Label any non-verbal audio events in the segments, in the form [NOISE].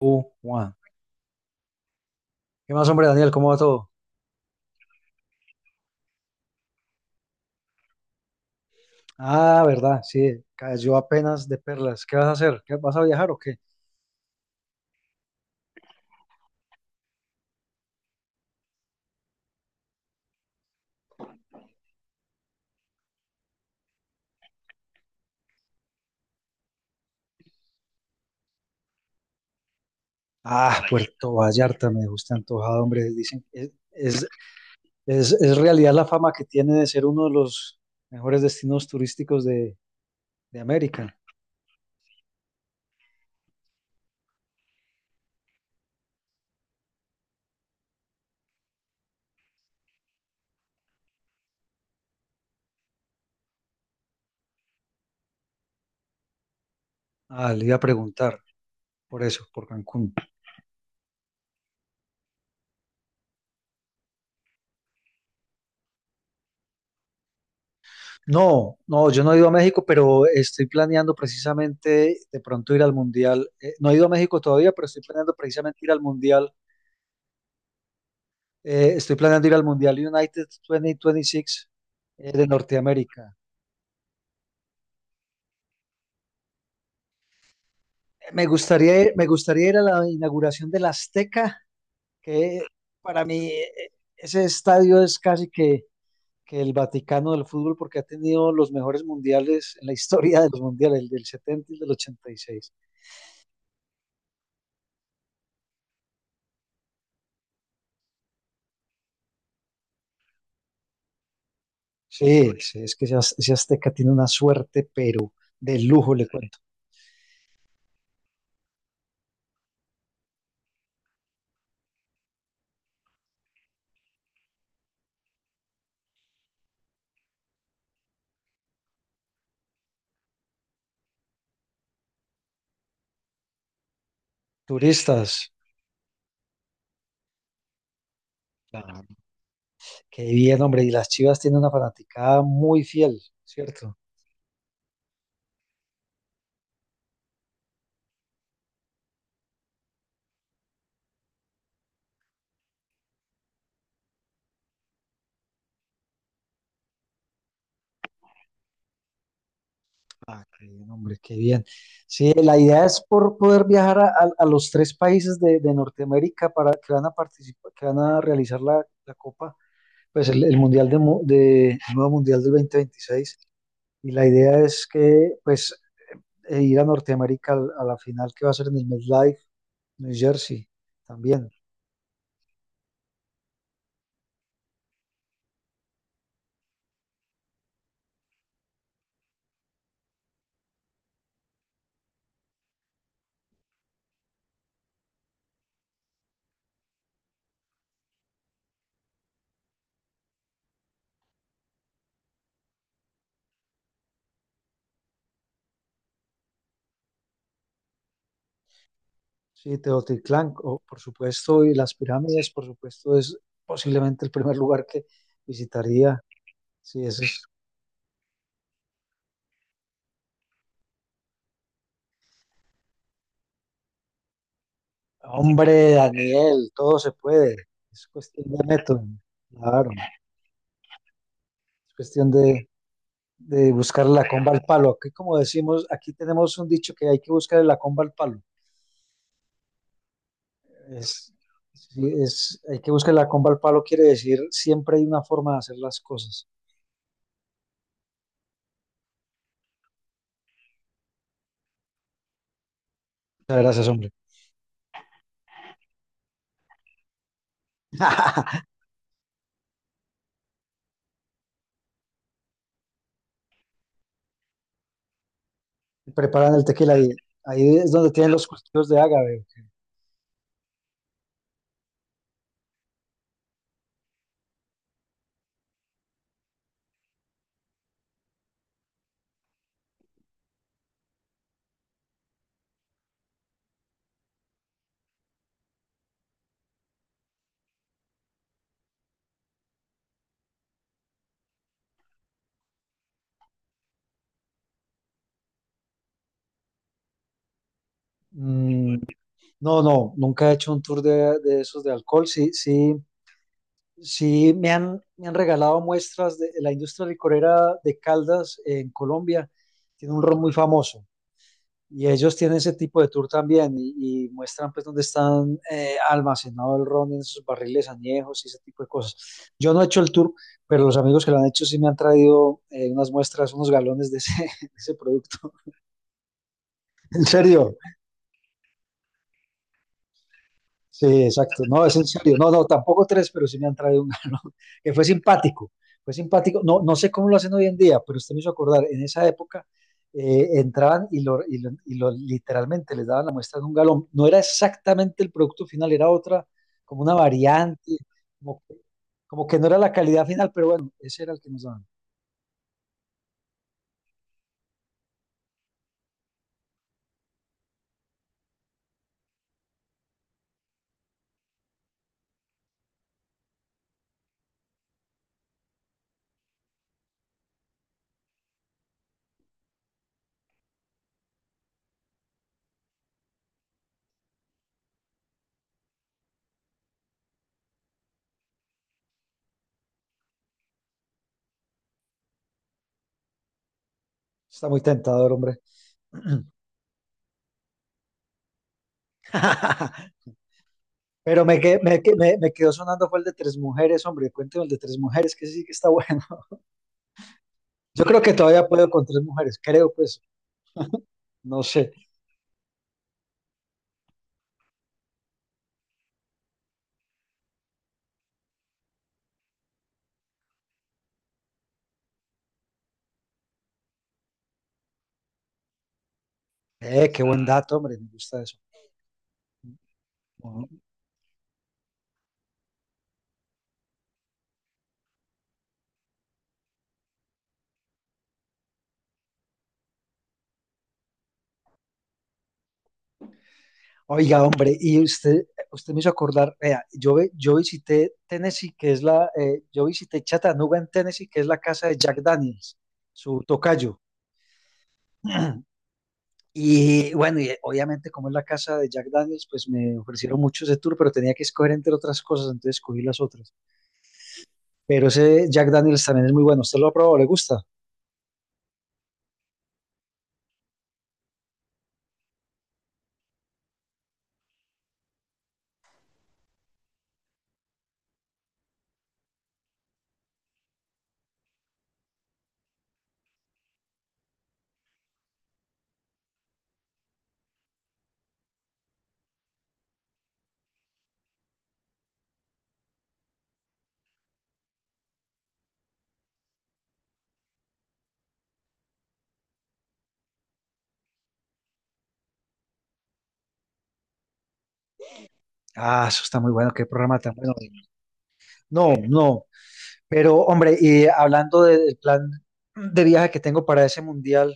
Juan. ¿Qué más, hombre, Daniel? ¿Cómo va todo? Ah, verdad, sí, cayó apenas de perlas. ¿Qué vas a hacer? ¿Qué, vas a viajar o qué? Ah, Puerto Vallarta, me gusta antojado, hombre. Dicen que es realidad la fama que tiene de ser uno de los mejores destinos turísticos de América. Ah, le iba a preguntar por eso, por Cancún. No, no, yo no he ido a México, pero estoy planeando precisamente de pronto ir al Mundial. No he ido a México todavía, pero estoy planeando precisamente ir al Mundial. Estoy planeando ir al Mundial United 2026, de Norteamérica. Me gustaría ir a la inauguración del Azteca, que para mí ese estadio es que el Vaticano del fútbol porque ha tenido los mejores mundiales en la historia de los mundiales, el del 70 y el del ochenta y seis. Sí, sí, es que ese Azteca tiene una suerte, pero de lujo, le cuento. Turistas, qué bien, hombre, y las Chivas tienen una fanaticada muy fiel, ¿cierto? Ah, qué bien, hombre, qué bien. Sí, la idea es por poder viajar a los tres países de Norteamérica para que van a participar, que van a realizar la Copa, pues el Mundial de el nuevo Mundial del dos mil veintiséis. Y la idea es que, pues, ir a Norteamérica a la final que va a ser en el MetLife, New Jersey, también. Sí, Teotihuacán, o, por supuesto, y las pirámides, por supuesto, es posiblemente el primer lugar que visitaría. Sí, eso es. Hombre, Daniel, todo se puede. Es cuestión de método. Claro, es cuestión de buscar la comba al palo. Aquí, como decimos, aquí tenemos un dicho que hay que buscar la comba al palo. Es, hay que buscar la comba al palo, quiere decir siempre hay una forma de hacer las cosas. Muchas gracias, hombre. [LAUGHS] Preparan el tequila ahí. Ahí es donde tienen los cultivos de ágave. Mm, no, no, nunca he hecho un tour de esos de alcohol. Sí, sí, sí, me han regalado muestras de la industria licorera de Caldas, en Colombia. Tiene un ron muy famoso y ellos tienen ese tipo de tour también y muestran pues dónde están, almacenado el ron en sus barriles añejos y ese tipo de cosas. Yo no he hecho el tour, pero los amigos que lo han hecho sí me han traído, unas muestras, unos galones de ese, [LAUGHS] de ese producto. [LAUGHS] En serio, sí, exacto. No, es en serio. No, no, tampoco tres, pero sí me han traído un galón, [LAUGHS] que fue simpático. Fue simpático. No, no sé cómo lo hacen hoy en día, pero usted me hizo acordar, en esa época entraban y literalmente les daban la muestra de un galón. No era exactamente el producto final, era otra, como una variante, como que, como que no era la calidad final, pero bueno, ese era el que nos daban. Está muy tentador, hombre. [CLEARS THROAT] Pero me quedó sonando fue el de tres mujeres, hombre. Cuénteme el de tres mujeres, que sí que está [LAUGHS] bueno. Yo creo que todavía puedo con tres mujeres, creo, pues, no sé. Qué buen dato, hombre, me gusta eso. Ujú. Oiga, hombre, y usted, usted me hizo acordar, vea, yo visité Tennessee, que es la, yo visité Chattanooga en Tennessee, que es la casa de Jack Daniels, su tocayo. [CLEARS THROAT] Y bueno, y obviamente como es la casa de Jack Daniels, pues me ofrecieron mucho ese tour, pero tenía que escoger entre otras cosas, entonces escogí las otras. Pero ese Jack Daniels también es muy bueno, ¿usted lo ha probado? ¿Le gusta? Ah, eso está muy bueno, qué programa tan bueno. No, no. Pero, hombre, y hablando del plan de viaje que tengo para ese mundial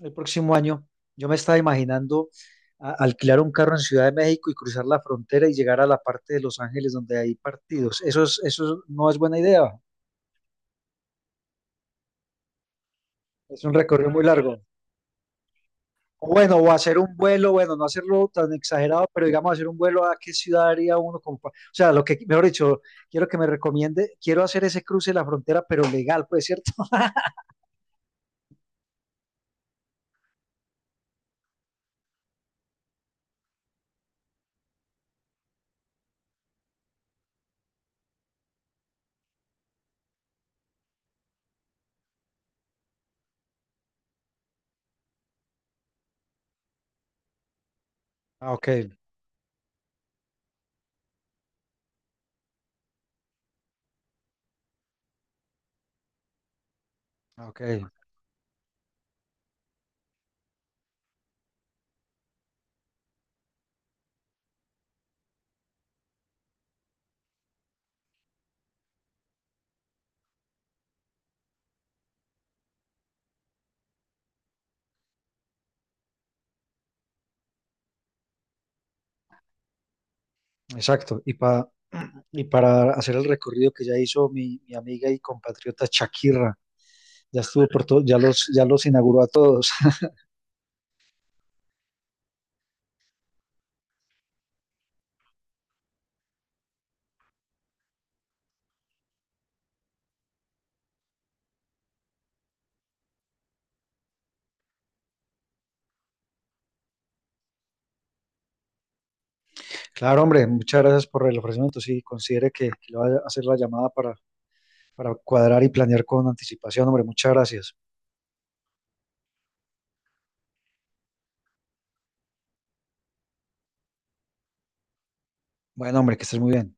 el próximo año, yo me estaba imaginando alquilar un carro en Ciudad de México y cruzar la frontera y llegar a la parte de Los Ángeles donde hay partidos. Eso no es buena idea. Es un recorrido muy largo. O bueno, o hacer un vuelo, bueno, no hacerlo tan exagerado, pero digamos hacer un vuelo a qué ciudad haría uno. O sea, lo que, mejor dicho, quiero que me recomiende, quiero hacer ese cruce de la frontera, pero legal, pues, ¿cierto? [LAUGHS] Ah, ok, ok. Exacto, y para hacer el recorrido que ya hizo mi amiga y compatriota Shakira, ya estuvo por todos ya los inauguró a todos. [LAUGHS] Claro, hombre, muchas gracias por el ofrecimiento. Sí, considere que le va a hacer la llamada para cuadrar y planear con anticipación, hombre, muchas gracias. Bueno, hombre, que estés muy bien.